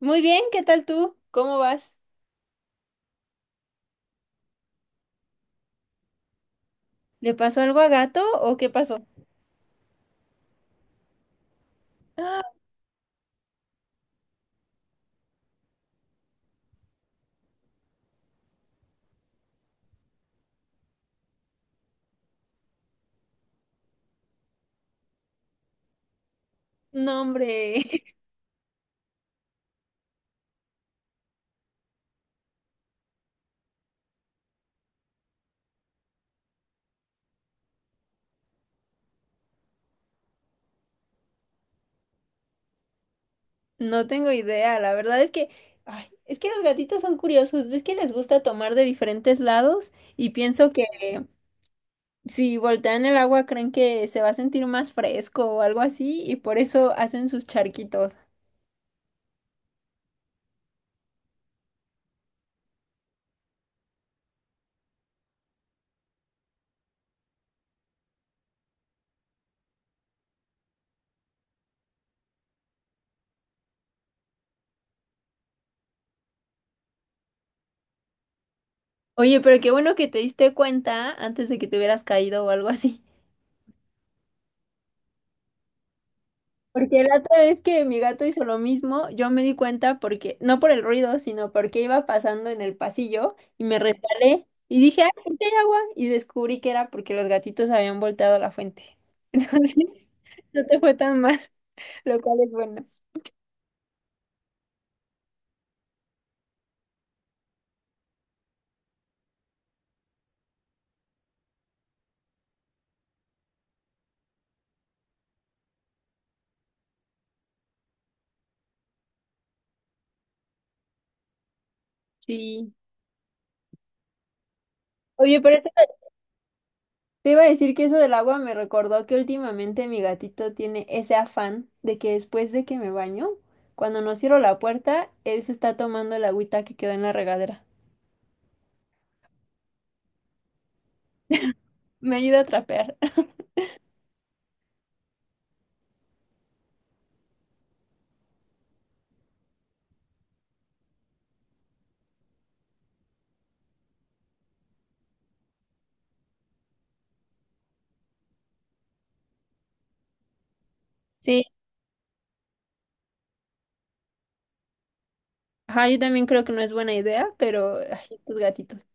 Muy bien, ¿qué tal tú? ¿Cómo vas? ¿Le pasó algo a Gato o qué pasó? Ah, no, hombre, no tengo idea. La verdad es que, ay, es que los gatitos son curiosos. ¿Ves que les gusta tomar de diferentes lados? Y pienso que si voltean el agua creen que se va a sentir más fresco o algo así y por eso hacen sus charquitos. Oye, pero qué bueno que te diste cuenta antes de que te hubieras caído o algo así. Porque la otra vez que mi gato hizo lo mismo, yo me di cuenta porque, no por el ruido, sino porque iba pasando en el pasillo y me resbalé y dije, ¡ay, aquí hay agua! Y descubrí que era porque los gatitos habían volteado la fuente. Entonces, no te fue tan mal, lo cual es bueno. Sí. Oye, te iba a decir que eso del agua me recordó que últimamente mi gatito tiene ese afán de que después de que me baño, cuando no cierro la puerta, él se está tomando el agüita que quedó en la regadera. Me ayuda a trapear. Sí, ajá, yo también creo que no es buena idea, pero ay, tus gatitos.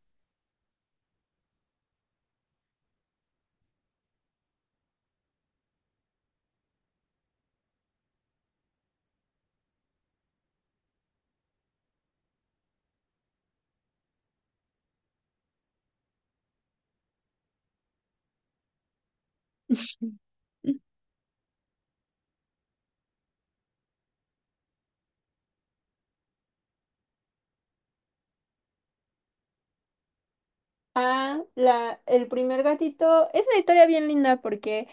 Ah, el primer gatito es una historia bien linda porque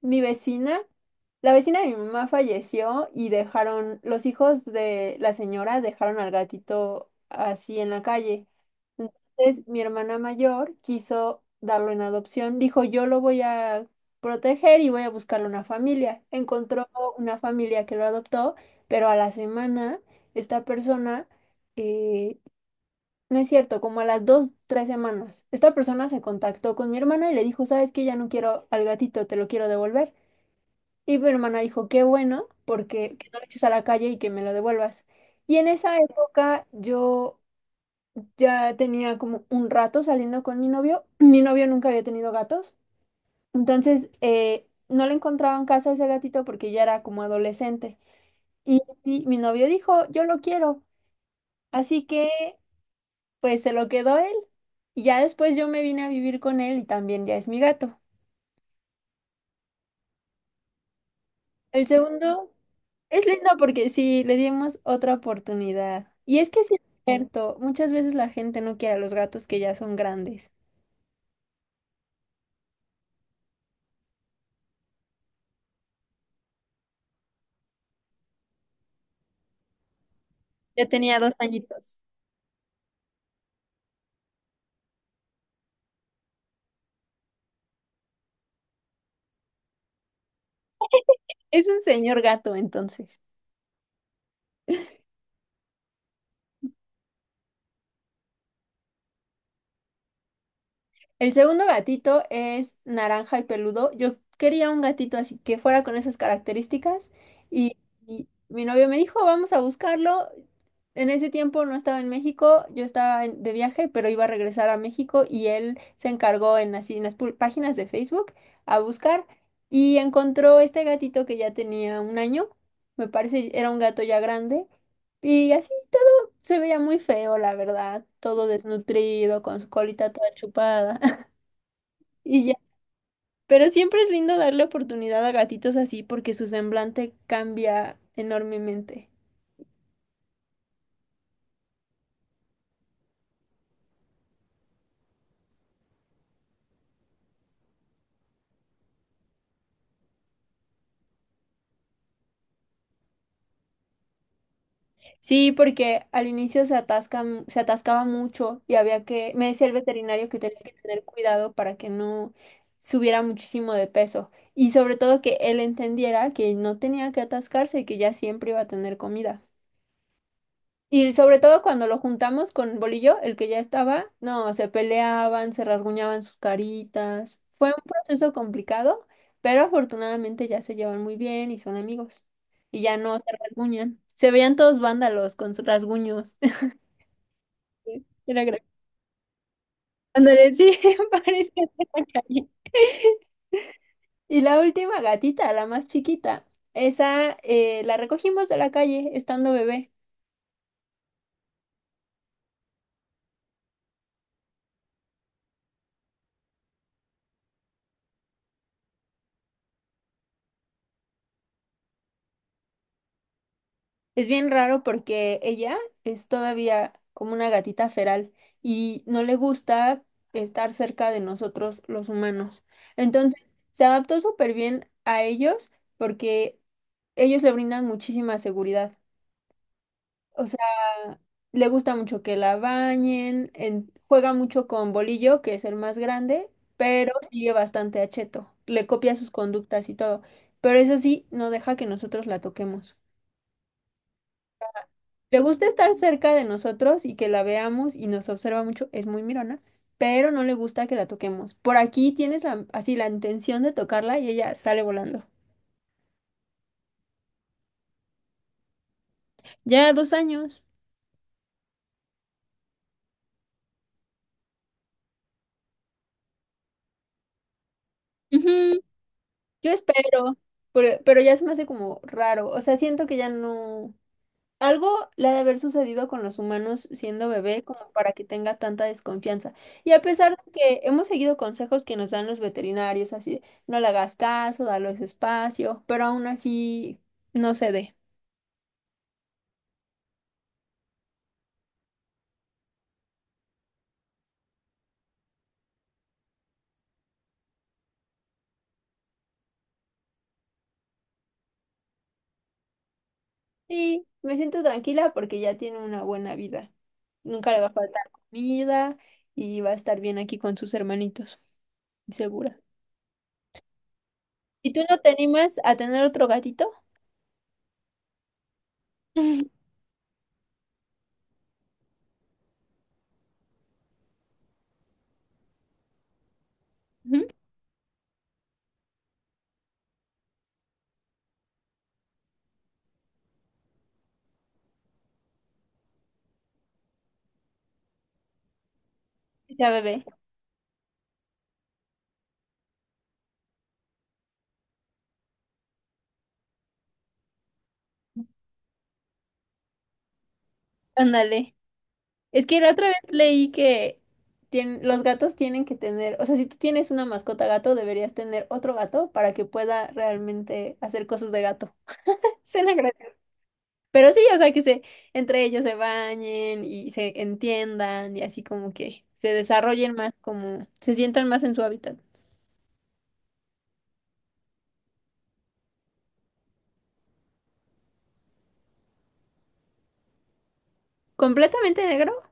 mi vecina, la vecina de mi mamá falleció y dejaron, los hijos de la señora dejaron al gatito así en la calle. Entonces, mi hermana mayor quiso darlo en adopción. Dijo, yo lo voy a proteger y voy a buscarle una familia. Encontró una familia que lo adoptó, pero a la semana, esta persona, eh, no es cierto, como a las dos, tres semanas, esta persona se contactó con mi hermana y le dijo, ¿sabes qué? Ya no quiero al gatito, te lo quiero devolver. Y mi hermana dijo, qué bueno, porque que no lo eches a la calle y que me lo devuelvas. Y en esa época yo ya tenía como un rato saliendo con mi novio. Mi novio nunca había tenido gatos. Entonces no le encontraba en casa ese gatito porque ya era como adolescente. Y mi novio dijo, yo lo quiero. Así que pues se lo quedó él. Y ya después yo me vine a vivir con él y también ya es mi gato. El segundo es lindo porque sí, le dimos otra oportunidad. Y es que sí es cierto, muchas veces la gente no quiere a los gatos que ya son grandes. De pañitos. Es un señor gato, entonces. El segundo gatito es naranja y peludo. Yo quería un gatito así que fuera con esas características y, y mi novio me dijo, vamos a buscarlo. En ese tiempo no estaba en México, yo de viaje, pero iba a regresar a México y él se encargó en, así, en las páginas de Facebook a buscar y encontró este gatito que ya tenía un año, me parece era un gato ya grande y así todo se veía muy feo, la verdad, todo desnutrido, con su colita toda chupada. Y ya. Pero siempre es lindo darle oportunidad a gatitos así porque su semblante cambia enormemente. Sí, porque al inicio se atascaba mucho y había que, me decía el veterinario que tenía que tener cuidado para que no subiera muchísimo de peso y sobre todo que él entendiera que no tenía que atascarse y que ya siempre iba a tener comida. Y sobre todo cuando lo juntamos con Bolillo, el que ya estaba, no, se peleaban, se rasguñaban sus caritas. Fue un proceso complicado, pero afortunadamente ya se llevan muy bien y son amigos. Y ya no se rasguñan. Se veían todos vándalos con sus rasguños. Era gra- Ándale, sí, parecía de la calle. Y la última gatita, la más chiquita, esa la recogimos de la calle estando bebé. Es bien raro porque ella es todavía como una gatita feral y no le gusta estar cerca de nosotros los humanos. Entonces, se adaptó súper bien a ellos porque ellos le brindan muchísima seguridad. O sea, le gusta mucho que la bañen, juega mucho con Bolillo, que es el más grande, pero sigue bastante a Cheto. Le copia sus conductas y todo. Pero eso sí, no deja que nosotros la toquemos. Le gusta estar cerca de nosotros y que la veamos y nos observa mucho, es muy mirona, pero no le gusta que la toquemos. Por aquí tienes así la intención de tocarla y ella sale volando. Ya dos años. Ujú, yo espero, pero ya se me hace como raro. O sea, siento que ya no. Algo le ha de haber sucedido con los humanos siendo bebé como para que tenga tanta desconfianza. Y a pesar de que hemos seguido consejos que nos dan los veterinarios, así, de, no le hagas caso, dale espacio, pero aún así no cede. Sí, me siento tranquila porque ya tiene una buena vida. Nunca le va a faltar comida y va a estar bien aquí con sus hermanitos, segura. ¿Y tú no te animas a tener otro gatito? Ujú. Que sea bebé. Ándale. Es que la otra vez leí que los gatos tienen que tener, o sea, si tú tienes una mascota gato, deberías tener otro gato para que pueda realmente hacer cosas de gato. Suena gracioso. Pero sí, o sea, entre ellos se bañen y se entiendan y así como que se desarrollen más, como se sientan más en su hábitat. ¿Completamente negro?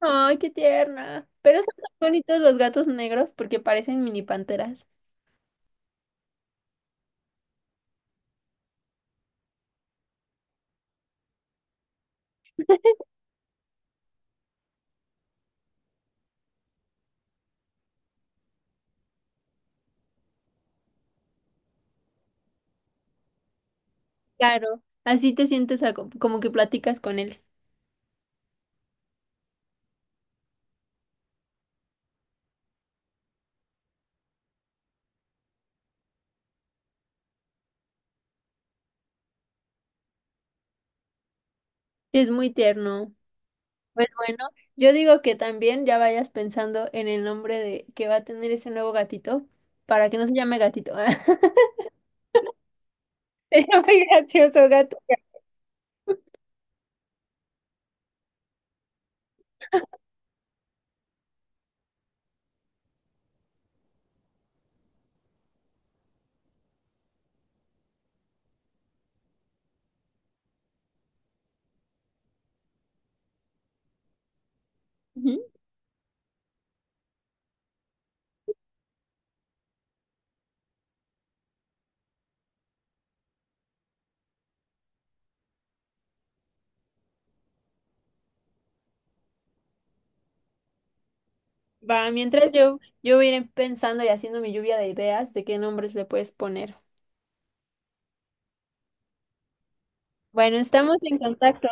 Ay, qué tierna. Pero son tan bonitos los gatos negros porque parecen mini panteras. Claro. Así te sientes como que platicas con él. Es muy tierno. Pues bueno, yo digo que también ya vayas pensando en el nombre de que va a tener ese nuevo gatito para que no se llame gatito. Sería muy gracioso, gato. Ujú. Va, mientras yo voy a ir pensando y haciendo mi lluvia de ideas de qué nombres le puedes poner. Bueno, estamos en contacto.